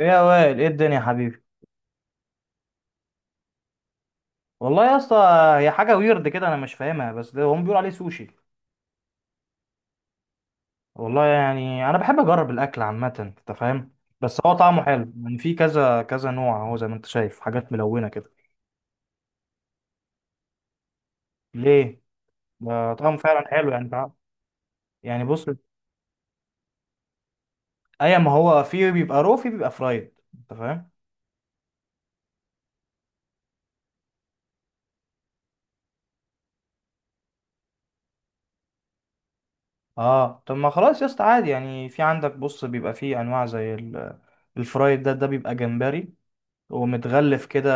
ايه يا وائل، ايه الدنيا يا حبيبي. والله يا اسطى، هي حاجه ويرد كده، انا مش فاهمها، بس ده هم بيقولوا عليه سوشي. والله يعني انا بحب اجرب الاكل عامه، انت فاهم. بس هو طعمه حلو، يعني في كذا كذا نوع، اهو زي ما انت شايف حاجات ملونه كده. ليه؟ ده طعمه فعلا حلو، يعني يعني بص. اي ما هو في بيبقى رو، في بيبقى فرايد، انت فاهم. اه طب ما خلاص يا اسطى، عادي يعني، في عندك بص بيبقى في انواع زي الفرايد، ده بيبقى جمبري ومتغلف كده،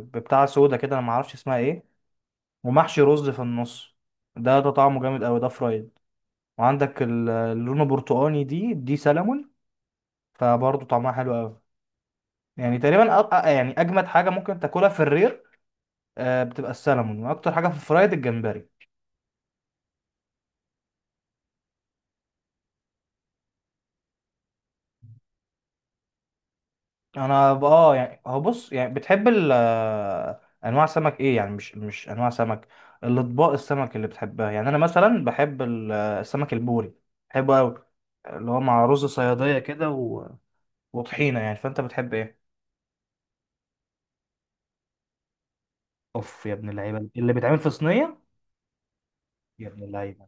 ببتاع سودا كده، انا ما اعرفش اسمها ايه، ومحشي رز في النص. ده طعمه جامد قوي، ده فرايد. وعندك اللون البرتقاني دي سلمون، فبرضه طعمها حلو قوي. يعني تقريبا يعني اجمد حاجه ممكن تاكلها في الرير. بتبقى السلمون، واكتر حاجه في الفرايد الجمبري. انا ب- اه يعني هو بص، يعني بتحب ال آه، انواع سمك ايه، يعني مش انواع سمك، الاطباق السمك اللي بتحبها، يعني انا مثلا بحب السمك البوري، بحبه قوي. اللي هو مع رز صياديه كده وطحينه، يعني فانت بتحب ايه؟ اوف، يا ابن اللعيبه اللي بيتعمل في صينيه. يا ابن اللعيبه.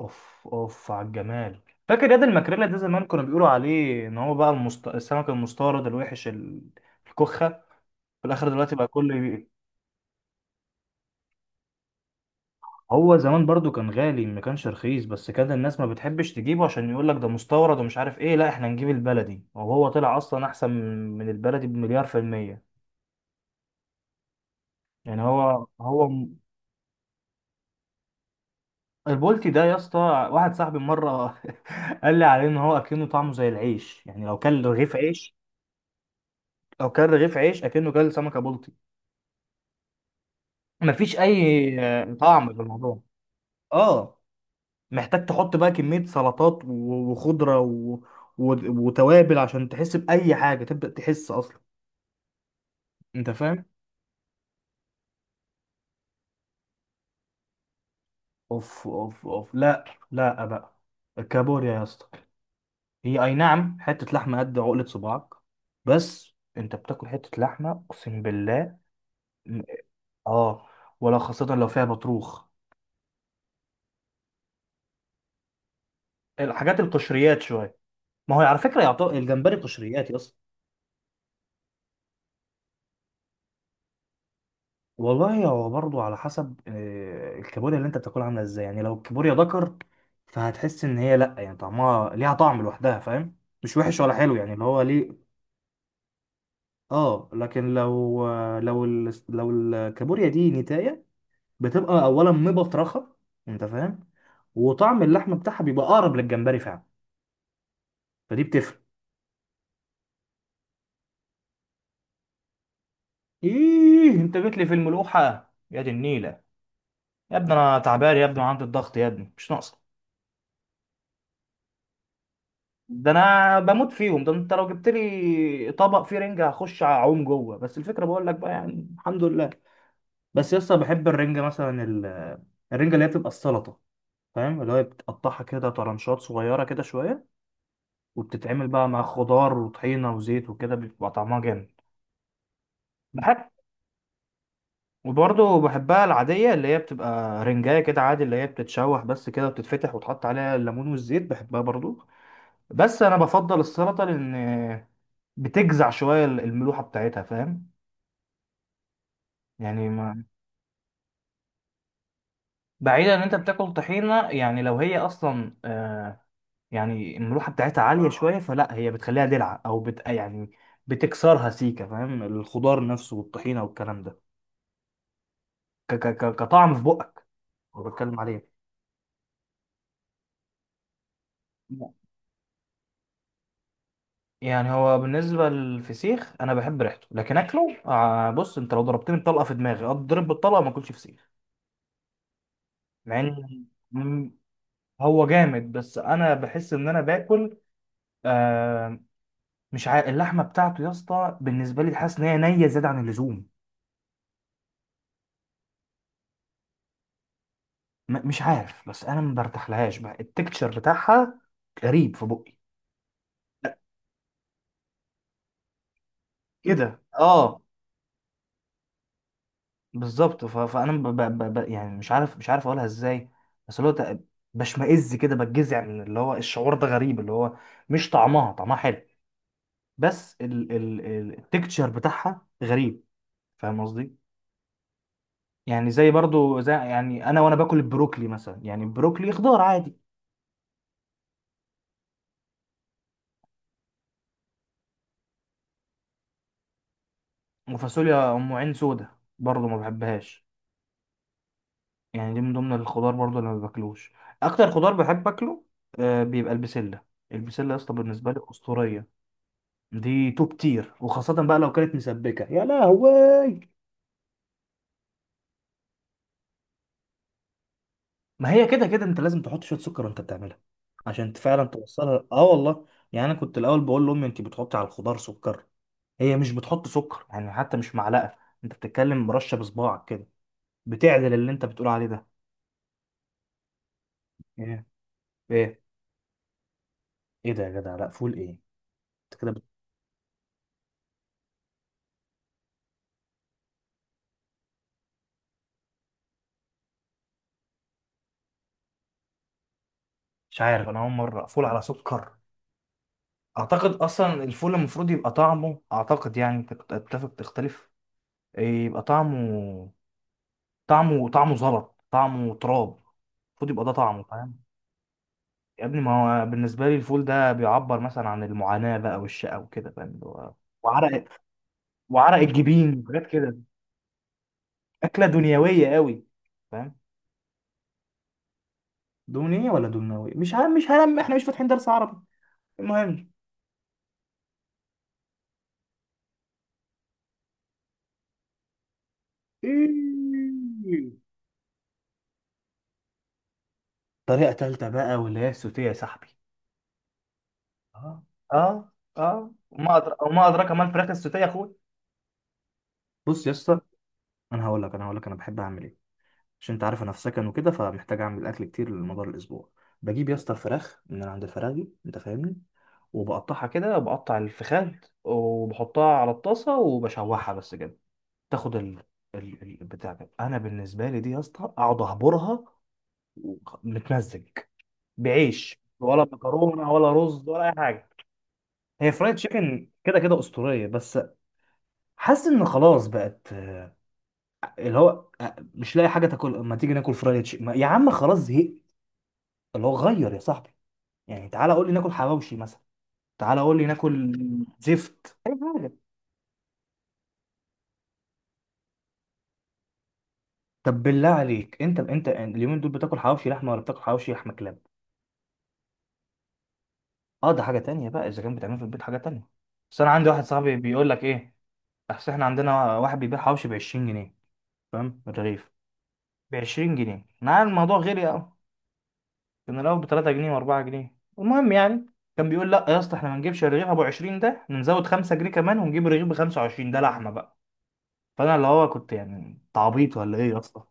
اوف اوف على الجمال. فاكر ياد الماكريلا ده زمان كانوا بيقولوا عليه ان هو بقى السمك المستورد الوحش، الكخه، في الاخر. دلوقتي بقى كله هو زمان برضو كان غالي، ما كانش رخيص، بس كان الناس ما بتحبش تجيبه، عشان يقول لك ده مستورد ومش عارف ايه، لا احنا نجيب البلدي، وهو طلع اصلا احسن من البلدي بمليار في المية. يعني هو هو. البولتي ده يا اسطى، واحد صاحبي مره قال لي عليه ان هو اكنه طعمه زي العيش، يعني لو كل رغيف عيش، لو كل رغيف عيش اكنه كل سمكه بلطي. مفيش اي طعم في الموضوع، اه. محتاج تحط بقى كميه سلطات و- وخضره و... وتوابل عشان تحس باي حاجه، تبدا تحس اصلا، انت فاهم. اوف اوف اوف، لا، لا بقى. الكابوريا يا اسطى، هي اي نعم حته لحمه قد عقله صباعك، بس انت بتاكل حته لحمه، اقسم بالله. اه، ولا خاصة لو فيها بطروخ. الحاجات القشريات شوية. ما هو على فكرة الجمبري قشريات يا اسطى. والله هو برضو على حسب، الكابوريا اللي انت بتاكلها عاملة ازاي، يعني لو الكابوريا ذكر فهتحس ان هي، لا يعني طعمها ليها طعم لوحدها، فاهم، مش وحش ولا حلو، يعني اللي هو ليه. اه، لكن لو لو الكابوريا دي نتاية، بتبقى اولا مبطرخة، انت فاهم، وطعم اللحم بتاعها بيبقى اقرب للجمبري فعلا، فدي بتفرق. ايه انت جيت لي في الملوحه؟ يا دي النيله، يا ابني انا تعبان يا ابني، وعندي الضغط يا ابني، مش ناقصه. ده انا بموت فيهم، ده انت لو جبت لي طبق فيه رنجه هخش اعوم جوه، بس الفكره بقول لك بقى يعني، الحمد لله. بس يسطا بحب الرنجه، مثلا الرنجه اللي هي بتبقى السلطه، فاهم، اللي هي بتقطعها كده طرنشات صغيره كده شويه، وبتتعمل بقى مع خضار وطحينه وزيت وكده، بيبقى طعمها جامد. بحب. وبرضه بحبها العادية، اللي هي بتبقى رنجاية كده عادي، اللي هي بتتشوح بس كده وبتتفتح وتحط عليها الليمون والزيت، بحبها برضه. بس أنا بفضل السلطة، لأن بتجزع شوية الملوحة بتاعتها، فاهم؟ يعني ما بعيدا إن أنت بتاكل طحينة، يعني لو هي أصلا يعني الملوحة بتاعتها عالية شوية، فلا هي بتخليها دلع أو يعني بتكسرها سيكة، فاهم، الخضار نفسه والطحينة والكلام ده، كطعم في بقك أنا بتكلم عليه. يعني هو بالنسبة للفسيخ، أنا بحب ريحته لكن أكله بص، أنت لو ضربتني بطلقة في دماغي أضرب بالطلقة ما أكلش فسيخ، مع إن م- هو جامد، بس أنا بحس إن أنا باكل آه مش عارف، اللحمة بتاعته يا اسطى بالنسبة لي حاسس إن هي نية زيادة عن اللزوم. مش عارف، بس أنا ما برتاحلهاش بقى التكتشر بتاعها، غريب في بقي كده، اه. بالظبط، فانا ب... ب... ب... يعني مش عارف اقولها ازاي. بس بشمئز كده، بتجزع من اللي هو الشعور ده غريب، اللي هو مش طعمها حلو، بس التكتشر بتاعها غريب، فاهم قصدي؟ يعني زي برضو زي، يعني انا وانا باكل البروكلي مثلا، يعني البروكلي خضار عادي، وفاصوليا ام عين سودا برضو ما بحبهاش، يعني دي من ضمن الخضار برضو اللي ما باكلوش. اكتر خضار بحب اكله بيبقى البسله. البسله يا اسطى بالنسبه لي اسطوريه، دي توب تير، وخاصة بقى لو كانت مسبكة، يا لهوي. ما هي كده كده انت لازم تحط شوية سكر وانت بتعملها عشان فعلا توصلها، اه والله، يعني انا كنت الاول بقول لامي انت بتحطي على الخضار سكر؟ هي مش بتحط سكر يعني، حتى مش معلقة، انت بتتكلم مرشة بصباعك كده، بتعدل اللي انت بتقول عليه ده. ايه ايه ايه ده يا جدع، لا فول ايه؟ انت كده مش عارف، انا اول مرة فول على سكر. اعتقد اصلا الفول المفروض يبقى طعمه، اعتقد يعني، انت كنت اتفق تختلف، إيه، يبقى طعمه، طعمه طعمه زلط، طعمه تراب، المفروض يبقى ده طعمه، فاهم. يا ابني ما هو بالنسبه لي الفول ده بيعبر مثلا عن المعاناه بقى والشقه وكده، فاهم، وعرق وعرق الجبين وحاجات كده، اكله دنيويه قوي، فاهم. دونية ولا دونوية مش عارف، مش هلم، احنا مش فاتحين درس عربي، المهم. إيه. طريقه تالته بقى، واللي هي السوتيه يا صاحبي. آه. اه، اه وما وما ادراك ما الفراخ السوتيه يا اخويا. بص يا اسطى، انا هقول لك، انا بحب اعمل ايه، عشان انت عارف انا في سكن وكده، فمحتاج اعمل اكل كتير لمدار الاسبوع. بجيب يا اسطى الفراخ من عند الفراخي، انت فاهمني، وبقطعها كده، بقطع الفخاد وبحطها على الطاسه وبشوحها بس كده، تاخد بتاع ده. انا بالنسبه لي دي يا اسطى اقعد اهبرها، متمزج، بعيش ولا مكرونه ولا رز ولا اي حاجه. هي فرايد تشيكن كده كده اسطوريه، بس حاسس ان خلاص بقت اللي هو مش لاقي حاجه تاكل، ما تيجي ناكل فرايد تشيكن يا عم خلاص، زهقت. اللي هو غير يا صاحبي، يعني تعالى قول لي ناكل حواوشي مثلا، تعالى قول لي ناكل زفت اي حاجه. طب بالله عليك انت اليومين دول بتاكل حواوشي لحمه ولا بتاكل حواوشي لحمه كلاب؟ اه، ده حاجه تانية بقى، اذا كان بتعمل في البيت حاجه تانية. بس انا عندي واحد صاحبي بيقول لك ايه، اصل احنا عندنا واحد بيبيع حواوشي ب 20 جنيه، فاهم، من الرغيف. ب 20 جنيه، انا عارف الموضوع غالي قوي، كان الاول ب 3 جنيه و4 جنيه، المهم يعني كان بيقول لا يا اسطى احنا ما نجيبش الرغيف ابو 20 ده، نزود 5 جنيه كمان ونجيب الرغيف ب 25، ده لحمه بقى. فانا اللي هو كنت يعني تعبيط ولا ايه يا اسطى؟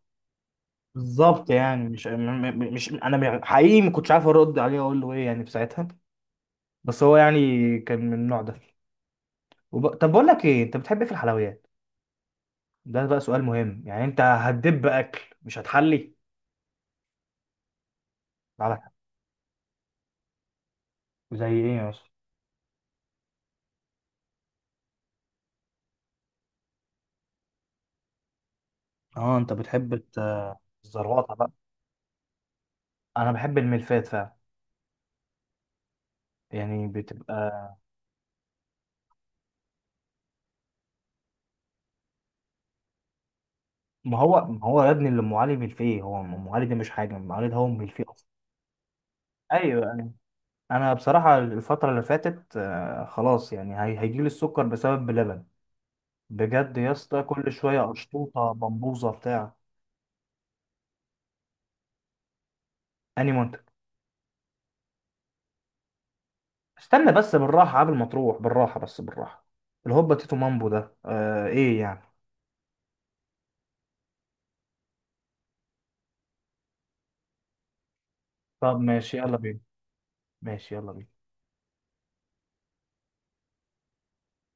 بالظبط، يعني مش م- م- مش انا حقيقي ما كنتش عارف ارد عليه، اقول له ايه يعني في ساعتها، بس هو يعني كان من النوع ده. طب بقول لك ايه، انت بتحب ايه في الحلويات؟ ده بقى سؤال مهم، يعني انت هتدب اكل مش هتحلي على حاجة. زي ايه يا اسطى؟ اه، انت بتحب الزرواطه بقى. انا بحب الملفات فعلا، يعني بتبقى. ما هو ما هو يا ابني، اللي ام علي ملفيه، هو ام علي ده مش حاجه، ام علي ده هو ملفيه اصلا. ايوه، انا بصراحه الفتره اللي فاتت خلاص يعني هيجيلي السكر بسبب بلبن، بجد يا اسطى، كل شويه اشطوطه بمبوزه بتاع. اني منتج؟ استنى بس، بالراحه، قبل ما تروح، بالراحه، بس بالراحه. الهوبا تيتو مامبو ده ايه يعني؟ طب ماشي يلا بينا، ماشي يلا بينا.